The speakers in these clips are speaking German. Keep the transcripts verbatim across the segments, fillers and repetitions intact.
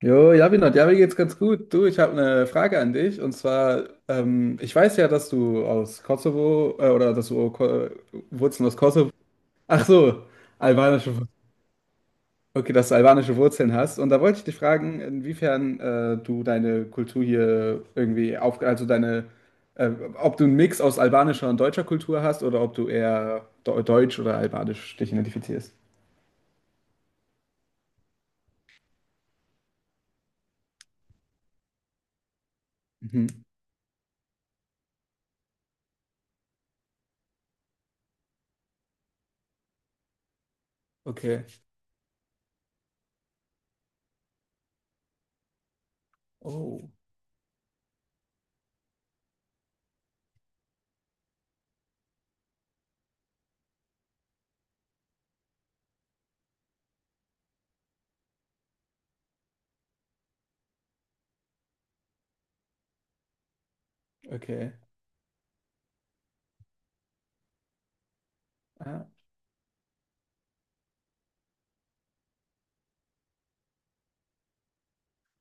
Jo, Javinot, ja, mir geht's ganz gut. Du, ich habe eine Frage an dich. Und zwar, ähm, ich weiß ja, dass du aus Kosovo, äh, oder dass du oh, Ko Wurzeln aus Kosovo, ach so, albanische, Wur- okay, dass du albanische Wurzeln hast. Und da wollte ich dich fragen, inwiefern äh, du deine Kultur hier irgendwie auf, also deine, äh, ob du einen Mix aus albanischer und deutscher Kultur hast oder ob du eher deu- deutsch oder albanisch dich identifizierst. Mhm. Okay. Oh, okay.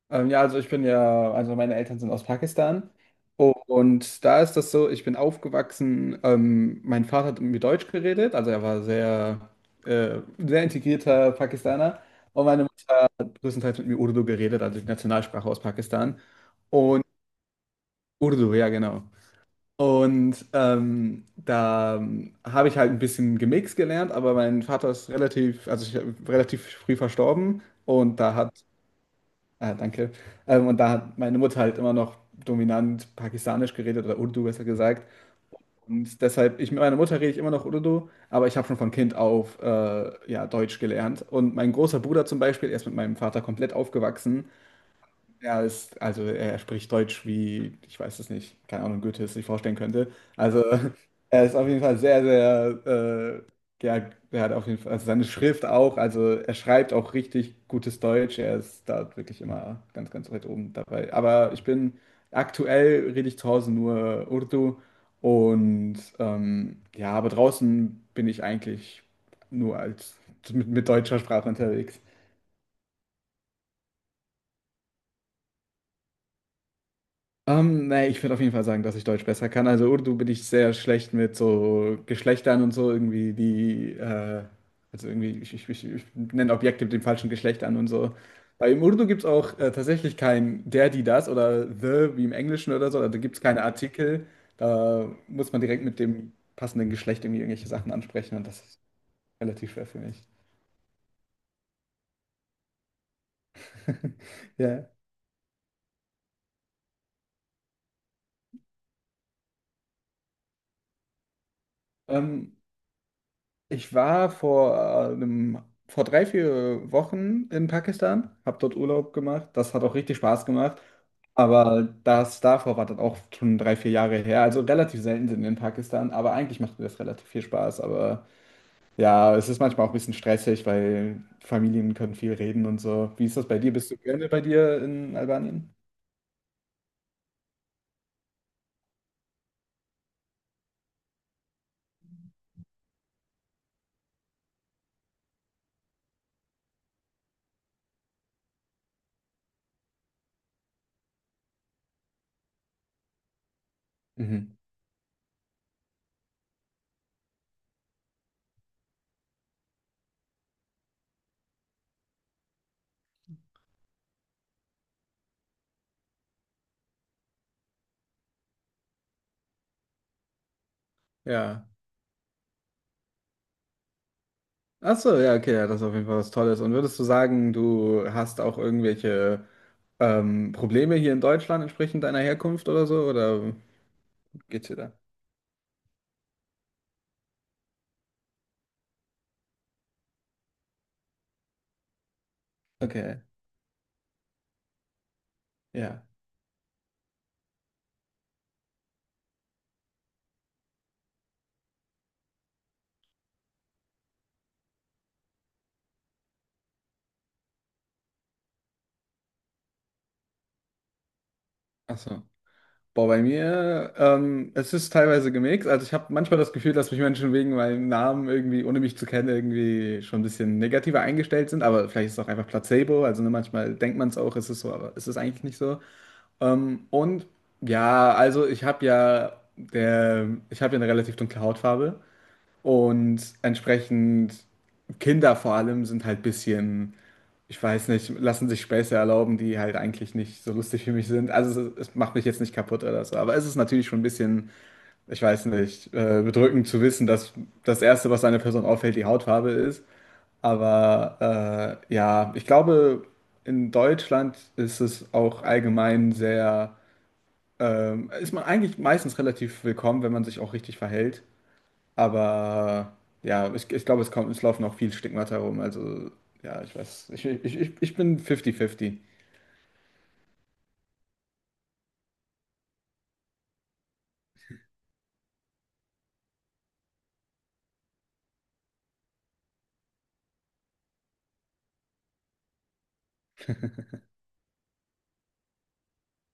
Ähm, ja, also ich bin ja, also meine Eltern sind aus Pakistan, und da ist das so, ich bin aufgewachsen, ähm, mein Vater hat mit mir Deutsch geredet, also er war sehr, äh, sehr integrierter Pakistaner, und meine Mutter hat größtenteils mit mir Urdu geredet, also die Nationalsprache aus Pakistan. Und Urdu, ja genau. Und ähm, da ähm, habe ich halt ein bisschen gemixt gelernt, aber mein Vater ist relativ, also ich, relativ früh verstorben, und da hat... Ah, danke. Ähm, und da hat meine Mutter halt immer noch dominant pakistanisch geredet, oder Urdu besser gesagt. Und deshalb, ich mit meiner Mutter rede ich immer noch Urdu, aber ich habe schon von Kind auf äh, ja, Deutsch gelernt. Und mein großer Bruder zum Beispiel, er ist mit meinem Vater komplett aufgewachsen. Er ist, also er spricht Deutsch wie, ich weiß es nicht, keine Ahnung, Goethe es sich vorstellen könnte. Also er ist auf jeden Fall sehr, sehr, äh, ja, er hat auf jeden Fall, also seine Schrift auch, also er schreibt auch richtig gutes Deutsch. Er ist da wirklich immer ganz, ganz weit oben dabei. Aber ich bin, aktuell rede ich zu Hause nur Urdu, und ähm, ja, aber draußen bin ich eigentlich nur als mit, mit deutscher Sprache unterwegs. Ähm, nee, ich würde auf jeden Fall sagen, dass ich Deutsch besser kann. Also Urdu bin ich sehr schlecht mit so Geschlechtern und so irgendwie die, äh, also irgendwie, ich, ich, ich, ich nenne Objekte mit dem falschen Geschlecht an und so. Bei Im Urdu gibt es auch äh, tatsächlich kein der, die, das oder the wie im Englischen oder so. Also da gibt es keine Artikel. Da muss man direkt mit dem passenden Geschlecht irgendwie irgendwelche Sachen ansprechen, und das ist relativ schwer für mich. Ja. Ähm, ich war vor äh, einem, vor drei, vier Wochen in Pakistan, habe dort Urlaub gemacht. Das hat auch richtig Spaß gemacht. Aber das davor war dann auch schon drei, vier Jahre her. Also relativ selten sind wir in Pakistan, aber eigentlich macht mir das relativ viel Spaß. Aber ja, es ist manchmal auch ein bisschen stressig, weil Familien können viel reden und so. Wie ist das bei dir? Bist du gerne bei dir in Albanien? Mhm. Ja. Ach so, ja, okay, ja, das ist auf jeden Fall was Tolles. Und würdest du sagen, du hast auch irgendwelche ähm, Probleme hier in Deutschland entsprechend deiner Herkunft oder so? Oder geht's dir da? Okay, ja. Ach so. Boah, bei mir, ähm, es ist teilweise gemixt. Also ich habe manchmal das Gefühl, dass mich Menschen wegen meinem Namen irgendwie, ohne mich zu kennen, irgendwie schon ein bisschen negativer eingestellt sind. Aber vielleicht ist es auch einfach Placebo. Also ne, manchmal denkt man es auch, es ist so, aber es ist eigentlich nicht so. Ähm, und ja, also ich habe ja der, ich habe ja eine relativ dunkle Hautfarbe, und entsprechend Kinder vor allem sind halt bisschen, ich weiß nicht, lassen sich Späße erlauben, die halt eigentlich nicht so lustig für mich sind. Also es, es macht mich jetzt nicht kaputt oder so, aber es ist natürlich schon ein bisschen, ich weiß nicht, äh, bedrückend zu wissen, dass das Erste, was einer Person auffällt, die Hautfarbe ist. Aber äh, ja, ich glaube, in Deutschland ist es auch allgemein sehr ähm, ist man eigentlich meistens relativ willkommen, wenn man sich auch richtig verhält. Aber ja, ich, ich glaube, es kommt, es laufen auch viel Stigmata rum. Also ja, ich weiß, ich, ich, ich ich bin fünfzig fünfzig.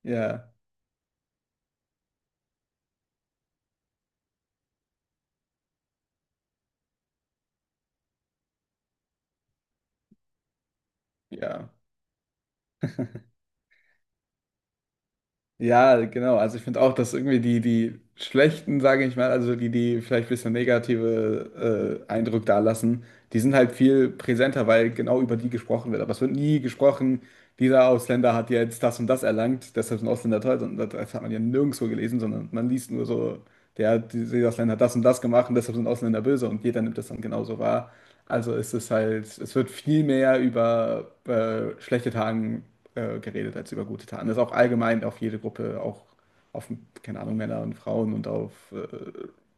Ja, ja. Ja, genau. Also ich finde auch, dass irgendwie die, die schlechten, sage ich mal, also die, die vielleicht ein bisschen negative äh, Eindruck dalassen, die sind halt viel präsenter, weil genau über die gesprochen wird. Aber es wird nie gesprochen, dieser Ausländer hat jetzt das und das erlangt, deshalb sind Ausländer toll. Und das, das hat man ja nirgendwo gelesen, sondern man liest nur so, der, hat- dieser Ausländer hat das und das gemacht und deshalb sind Ausländer böse, und jeder nimmt das dann genauso wahr. Also es ist halt, es wird viel mehr über äh, schlechte Tagen äh, geredet als über gute Taten. Das ist auch allgemein auf jede Gruppe, auch auf, keine Ahnung, Männer und Frauen und auf äh,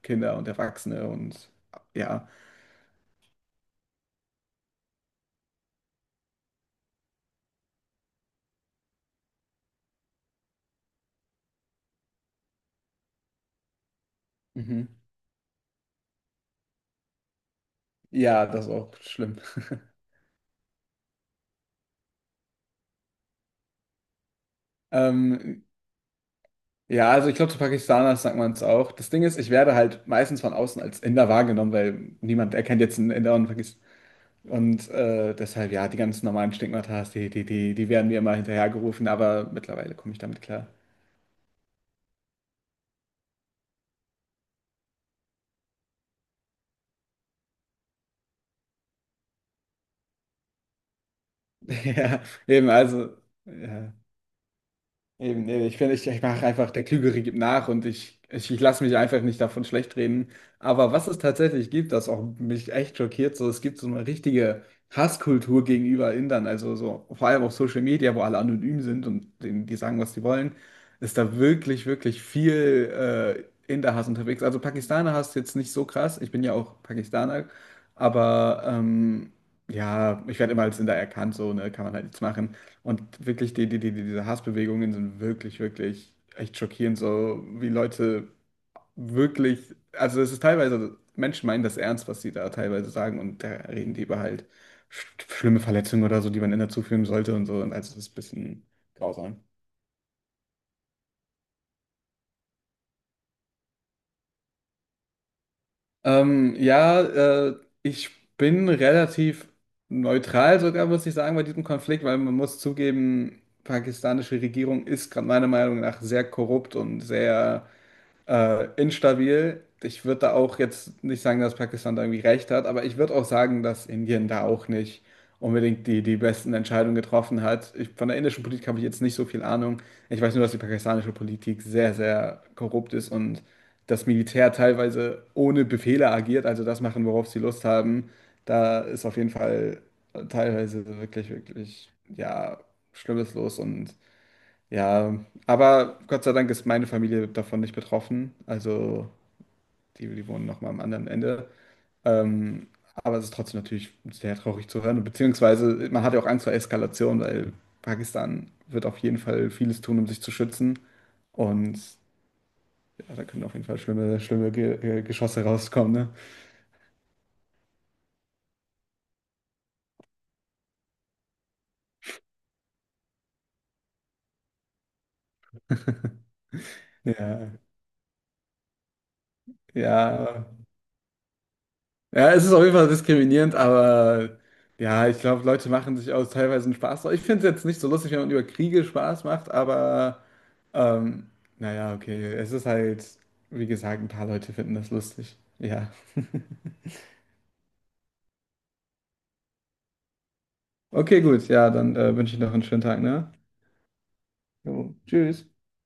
Kinder und Erwachsene und ja. Mhm. Ja, das ist auch schlimm. Ähm, ja, also ich glaube, zu Pakistanern sagt man es auch. Das Ding ist, ich werde halt meistens von außen als Inder wahrgenommen, weil niemand erkennt jetzt einen Inder und Pakistaner. Und äh, deshalb, ja, die ganzen normalen Stigmata, die, die, die, die werden mir immer hinterhergerufen, aber mittlerweile komme ich damit klar. Ja, eben, also, ja. Eben, nee, ich finde, ich, ich mache einfach, der Klügere gibt nach, und ich, ich, ich lasse mich einfach nicht davon schlecht reden. Aber was es tatsächlich gibt, das auch mich echt schockiert, so es gibt so eine richtige Hasskultur gegenüber Indern, also so vor allem auf Social Media, wo alle anonym sind und denen, die sagen, was sie wollen, ist da wirklich, wirklich viel äh, Inder-Hass unterwegs. Also Pakistaner-Hass jetzt nicht so krass, ich bin ja auch Pakistaner, aber ähm, ja, ich werde immer als Inder erkannt, so, ne, kann man halt nichts machen. Und wirklich, die, die, die, die- diese Hassbewegungen sind wirklich, wirklich echt schockierend, so wie Leute wirklich, also es ist teilweise, also Menschen meinen das ernst, was sie da teilweise sagen, und da reden die über halt sch- schlimme Verletzungen oder so, die man in der zuführen sollte und so. Und also das ist ein bisschen grausam. Ähm, ja, äh, ich bin relativ neutral sogar, muss ich sagen, bei diesem Konflikt, weil man muss zugeben, pakistanische Regierung ist gerade meiner Meinung nach sehr korrupt und sehr äh, instabil. Ich würde da auch jetzt nicht sagen, dass Pakistan da irgendwie recht hat, aber ich würde auch sagen, dass Indien da auch nicht unbedingt die, die besten Entscheidungen getroffen hat. Ich, von der indischen Politik habe ich jetzt nicht so viel Ahnung. Ich weiß nur, dass die pakistanische Politik sehr, sehr korrupt ist und das Militär teilweise ohne Befehle agiert, also das machen, worauf sie Lust haben. Da ist auf jeden Fall teilweise wirklich, wirklich, ja, Schlimmes los, und ja, aber Gott sei Dank ist meine Familie davon nicht betroffen. Also die, die wohnen noch mal am anderen Ende. Ähm, aber es ist trotzdem natürlich sehr traurig zu hören. Beziehungsweise man hat ja auch Angst vor Eskalation, weil Pakistan wird auf jeden Fall vieles tun, um sich zu schützen. Und ja, da können auf jeden Fall schlimme, schlimme Ge äh, Geschosse rauskommen, ne? Ja, ja. Ja, es ist auf jeden Fall diskriminierend, aber ja, ich glaube, Leute machen sich aus teilweise einen Spaß draus. Ich finde es jetzt nicht so lustig, wenn man über Kriege Spaß macht, aber ähm, naja, okay. Es ist halt, wie gesagt, ein paar Leute finden das lustig. Ja. Okay, gut. Ja, dann äh, wünsche ich noch einen schönen Tag, ne? Jo, tschüss.